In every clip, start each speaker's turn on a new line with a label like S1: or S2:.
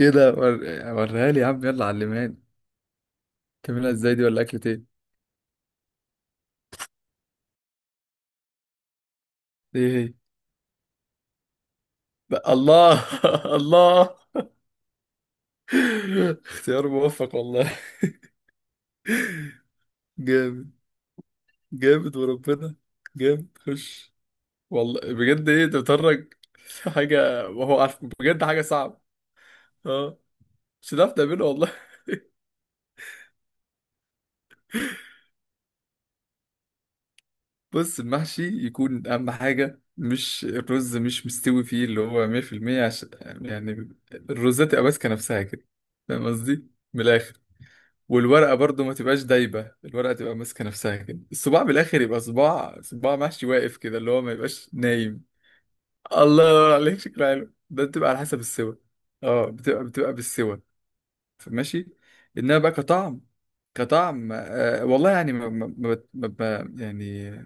S1: ايه ده وريها لي يا عم، يلا علماني. تعملها ازاي دي؟ ولا اكلة ايه؟ ايه هي؟ بقى الله الله. اختيار موفق والله. جامد. جامد وربنا. جامد، خش. والله بجد ايه ده، بتهرج؟ حاجة وهو عارف بجد حاجة صعبة. اه مش هتعرف تعمله والله. بص، المحشي يكون اهم حاجة مش الرز مش مستوي فيه اللي هو 100%. عشان يعني الرز تبقى ماسكة نفسها كده. فاهم قصدي؟ من الآخر. والورقة برضو ما تبقاش دايبة، الورقة تبقى ماسكة نفسها كده، الصباع بالآخر يبقى صباع، صباع محشي واقف كده اللي هو ما يبقاش نايم. الله ينور عليك، شكله حلو ده بتبقى على حسب السوا. اه بتبقى بالسوا. ماشي. انما بقى كطعم. كطعم آه والله يعني يعني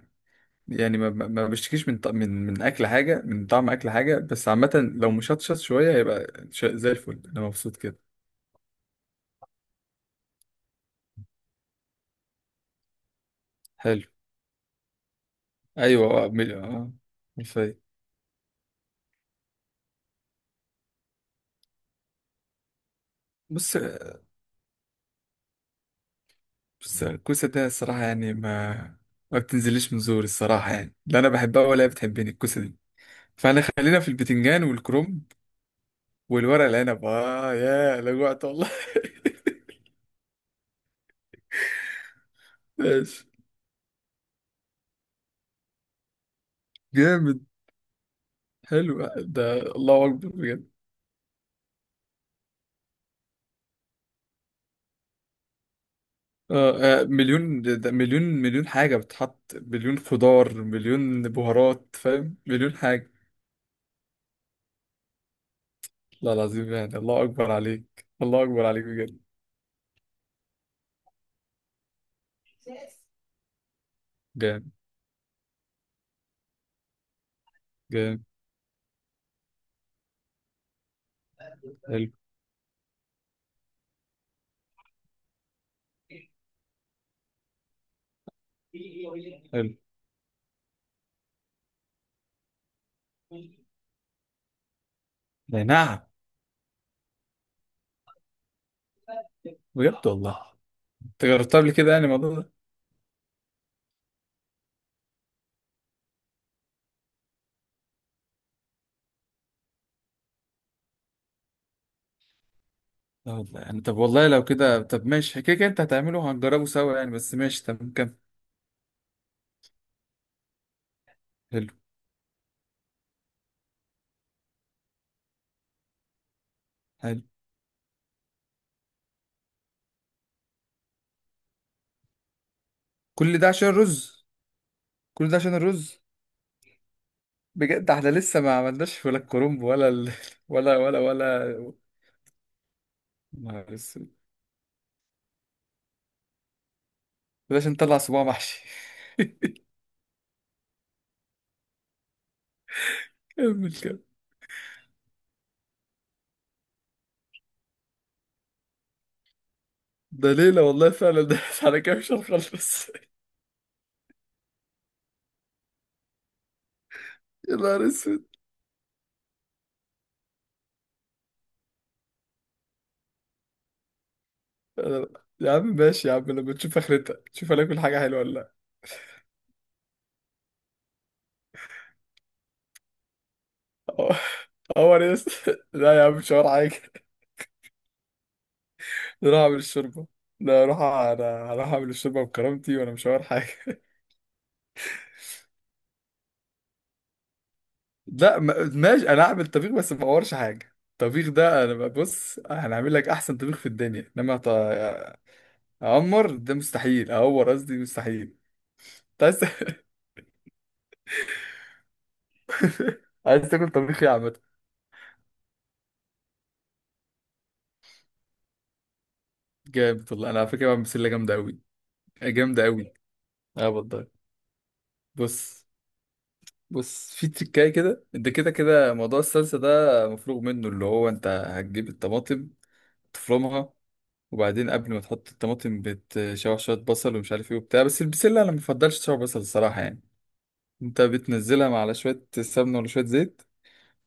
S1: يعني ما ما ما بشتكيش من اكل حاجه، من طعم اكل حاجه، بس عامه لو مشطشط شويه هيبقى زي الفل، انا مبسوط كده. حلو. ايوه اه مش فايق. بص، بس الكوسة ده الصراحة يعني ما بتنزليش من زوري الصراحة، يعني لا أنا بحبها ولا هي بتحبني الكوسة دي. فأنا خلينا في البتنجان والكرنب والورق العنب، آه يا لجوعت والله. ماشي. جامد. حلو ده، الله أكبر بجد. مليون؟ ده مليون حاجة، بتحط مليون خضار، مليون بهارات، فاهم؟ مليون حاجة. لا العظيم يعني، الله أكبر عليك، الله أكبر عليك بجد. جامد. جامد. حلو. حلو. نعم. بجد والله. انت جربتها قبل كده يعني الموضوع ده؟ لا والله يعني، طب والله لو كده طب ماشي، كده كده انت هتعمله هنجربه سوا يعني، بس ماشي تمام، كمل. حلو. حلو. كل ده عشان الرز؟ كل ده عشان الرز. بجد احنا لسه ما عملناش ولا الكرنب ولا ولا. نهار اسود. ده عشان نطلع صباع محشي. كمل، كمل. ده ليلة والله فعلا، ده على كده مش هنخلص. يا نهار اسود. انا- يا عم ماشي يا عم، لما تشوف اخرتها تشوف هناكل حاجة حلوة ولا لا. اه. هو يا اسطى، لا يا عم، مش حوار حاجة. نروح اعمل الشوربه. لا اروح، انا هروح اعمل الشوربه بكرامتي، وانا مش هور حاجه لا ماشي، انا هعمل طبيخ بس ما اورش حاجه. الطبيخ ده انا بص، هنعمل لك احسن طبيخ في الدنيا، انما اعمر ده مستحيل، اعور قصدي، مستحيل. أنت عايز؟ عايز تاكل طبيخ ايه يا عم؟ جامد والله، انا على فكره بعمل بسله جامده قوي. جامده قوي. اه والله. بص. بص في تريكايه كده، انت كده كده موضوع الصلصه ده مفروغ منه، اللي هو انت هتجيب الطماطم، تفرمها. وبعدين قبل ما تحط الطماطم بتشوح شوية بصل ومش عارف ايه وبتاع، بس البسلة انا مبفضلش تشوح بصل الصراحة يعني. انت بتنزلها مع على شوية سمنة ولا شوية زيت،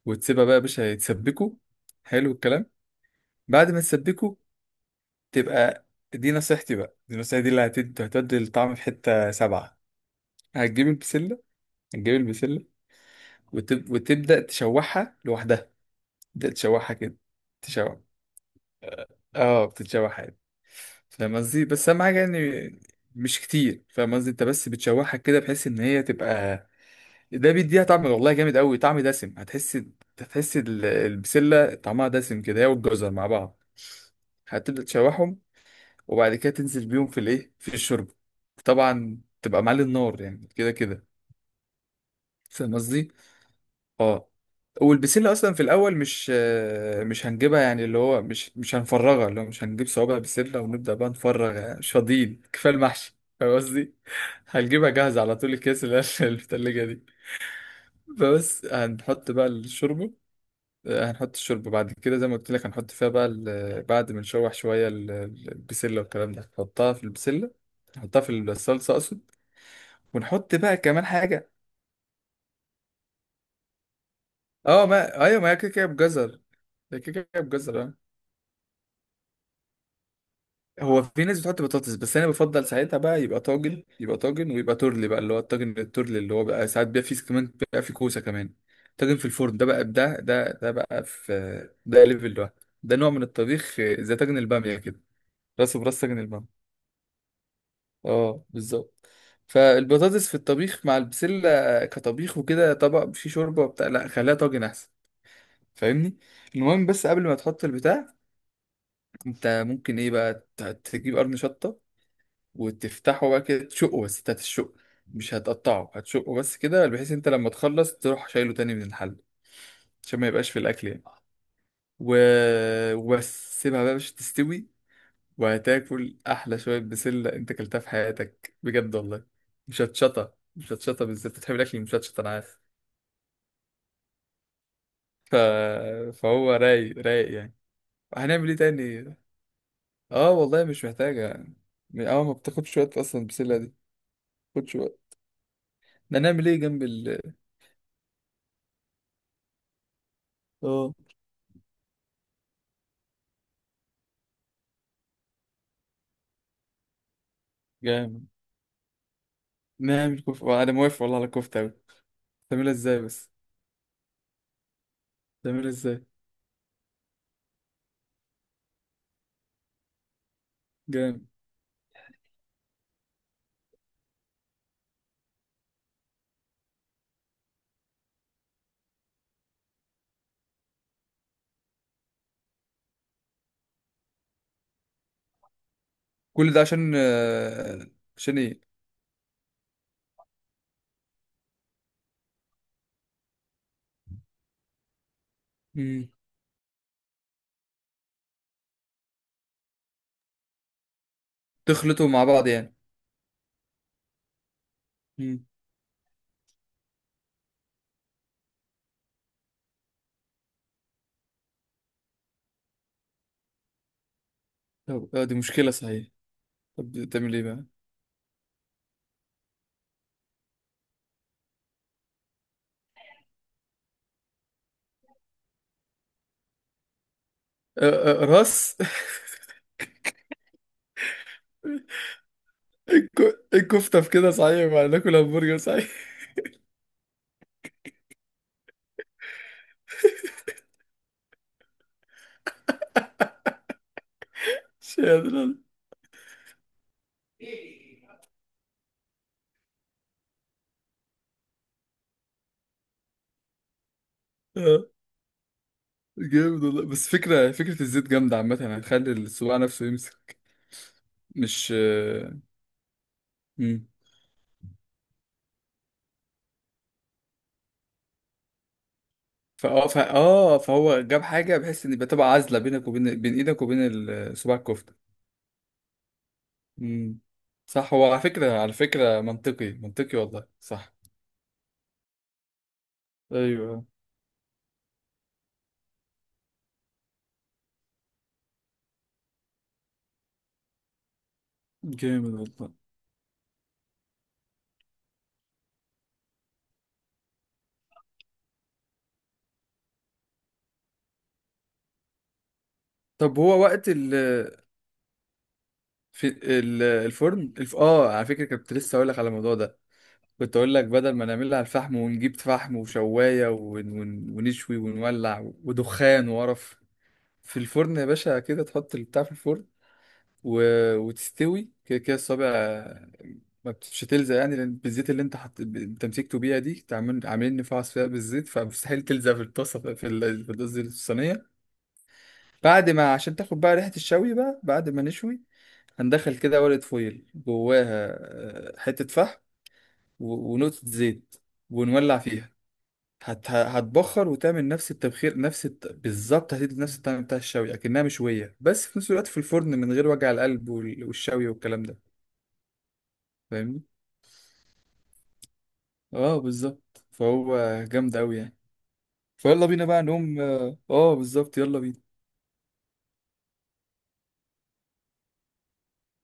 S1: وتسيبها بقى يا باشا يتسبكوا. حلو الكلام. بعد ما تسبكوا، تبقى، دي نصيحتي بقى، دي نصيحتي دي اللي هتودي الطعم في حتة سبعة. هتجيب البسلة. هتجيب البسلة. وتبدأ تشوحها لوحدها. تبدأ تشوحها كده. تشوح. اه بتتشوح عادي. فاهم قصدي؟ بس اهم حاجه يعني، مش كتير، فاهم قصدي؟ انت بس بتشوحها كده بحيث ان هي تبقى، ده بيديها طعم والله جامد قوي، طعم دسم هتحس، هتحس البسله طعمها دسم كده هي والجزر مع بعض. هتبدا تشوحهم، وبعد كده تنزل بيهم في الايه، في الشرب. طبعا تبقى معلي النار يعني كده كده. فاهم قصدي؟ اه. والبسله اصلا في الاول مش مش هنجيبها يعني، اللي هو مش هنفرغها، اللي هو مش هنجيب صوابع بسله ونبدا بقى نفرغ، يعني مش فاضيين كفايه المحشي، فاهم قصدي؟ هنجيبها جاهزه على طول، الكيس اللي هي في الثلاجه دي. فبس هنحط بقى الشوربه. هنحط الشوربه بعد كده زي ما قلت لك، هنحط فيها بقى بعد ما نشوح شويه البسله والكلام ده هنحطها في البسله. نحطها في الصلصه اقصد. ونحط بقى كمان حاجه. اه، ما ايوه، ما هي كيكه بجزر. هي كيكه بجزر. هو في ناس بتحط بطاطس بس انا بفضل ساعتها بقى يبقى طاجن، يبقى طاجن ويبقى ترلي بقى اللي هو الطاجن الترلي اللي هو بقى ساعات بيبقى فيه كمان، بيبقى فيه كوسه كمان. طاجن في الفرن ده بقى، ده بقى في، ده ليفل ده، ده نوع من الطبيخ، زي طاجن الباميه كده، راسه براس طاجن الباميه. اه بالظبط. فالبطاطس في الطبيخ مع البسله كطبيخ وكده، طبق فيه شوربه وبتاع، لا خليها طاجن احسن. فاهمني؟ المهم بس قبل ما تحط البتاع، انت ممكن ايه بقى تجيب قرن شطه وتفتحه بقى كده، تشقه، بس انت هتشقه مش هتقطعه، هتشقه بس كده، بحيث انت لما تخلص تروح شايله تاني من الحل، عشان ما يبقاش في الاكل يعني. و... وبس سيبها بقى مش تستوي، وهتاكل احلى شويه بسله انت اكلتها في حياتك بجد والله. مش هتشطه، مش هتشطه، بالذات بتحب الاكل، مش هتشطه انا عارف. ف... فهو رايق، رايق يعني. هنعمل ايه تاني؟ اه والله مش محتاجه. اه ما بتاخدش وقت اصلا البسله دي، ما بتاخدش وقت. ده نعمل ايه جنب ال؟ اه. نعمل كفتة. أنا موافق والله على الكفتة أوي. تعملها إزاي بس؟ تعملها إزاي؟ جامد. كل ده عشان عشان إيه؟ مم. تخلطوا مع بعض يعني. مم. طب دي مشكلة صحيح. طب تعمل إيه بقى؟ راس. الكفتة في كده صحيح بقى، ناكل همبرجر صحيح. مش قادر أنا. آه، جامد والله، بس فكرة، فكرة الزيت جامدة عامة، هتخلي الصباع نفسه يمسك. مش مم. فاه فا اه فهو جاب حاجه بحيث ان يبقى، تبقى عازله بينك وبين ايدك وبين صباع الكفته. امم. صح، هو على فكره، على فكره منطقي، منطقي والله، صح. ايوه. جامد والله. طب هو وقت ال، في الفرن، اه على فكره كنت لسه اقول لك على الموضوع ده. كنت اقول لك بدل ما نعملها على الفحم ونجيب فحم وشوايه ونشوي ونولع ودخان وقرف، في الفرن يا باشا، كده تحط البتاع في الفرن، و... وتستوي كده كده الصابع، ما بتش تلزق يعني لان بالزيت اللي انت حط، تمسكته بيها دي، عاملين نفعص فيها بالزيت، فمستحيل تلزق في الطاسه في قصدي الصينيه. بعد ما، عشان تاخد بقى ريحه الشوي بقى، بعد ما نشوي، هندخل كده ورقه فويل جواها حته فحم ونقطه زيت، ونولع فيها، هتبخر وتعمل نفس التبخير، نفس بالظبط هتدي نفس الطعم بتاع الشوي اكنها مشويه، بس في نفس الوقت في الفرن من غير وجع القلب والشوي والكلام ده. فاهمني؟ اه بالظبط. فهو جامد أوي يعني. فيلا بينا بقى نقوم، اه بالظبط، يلا بينا.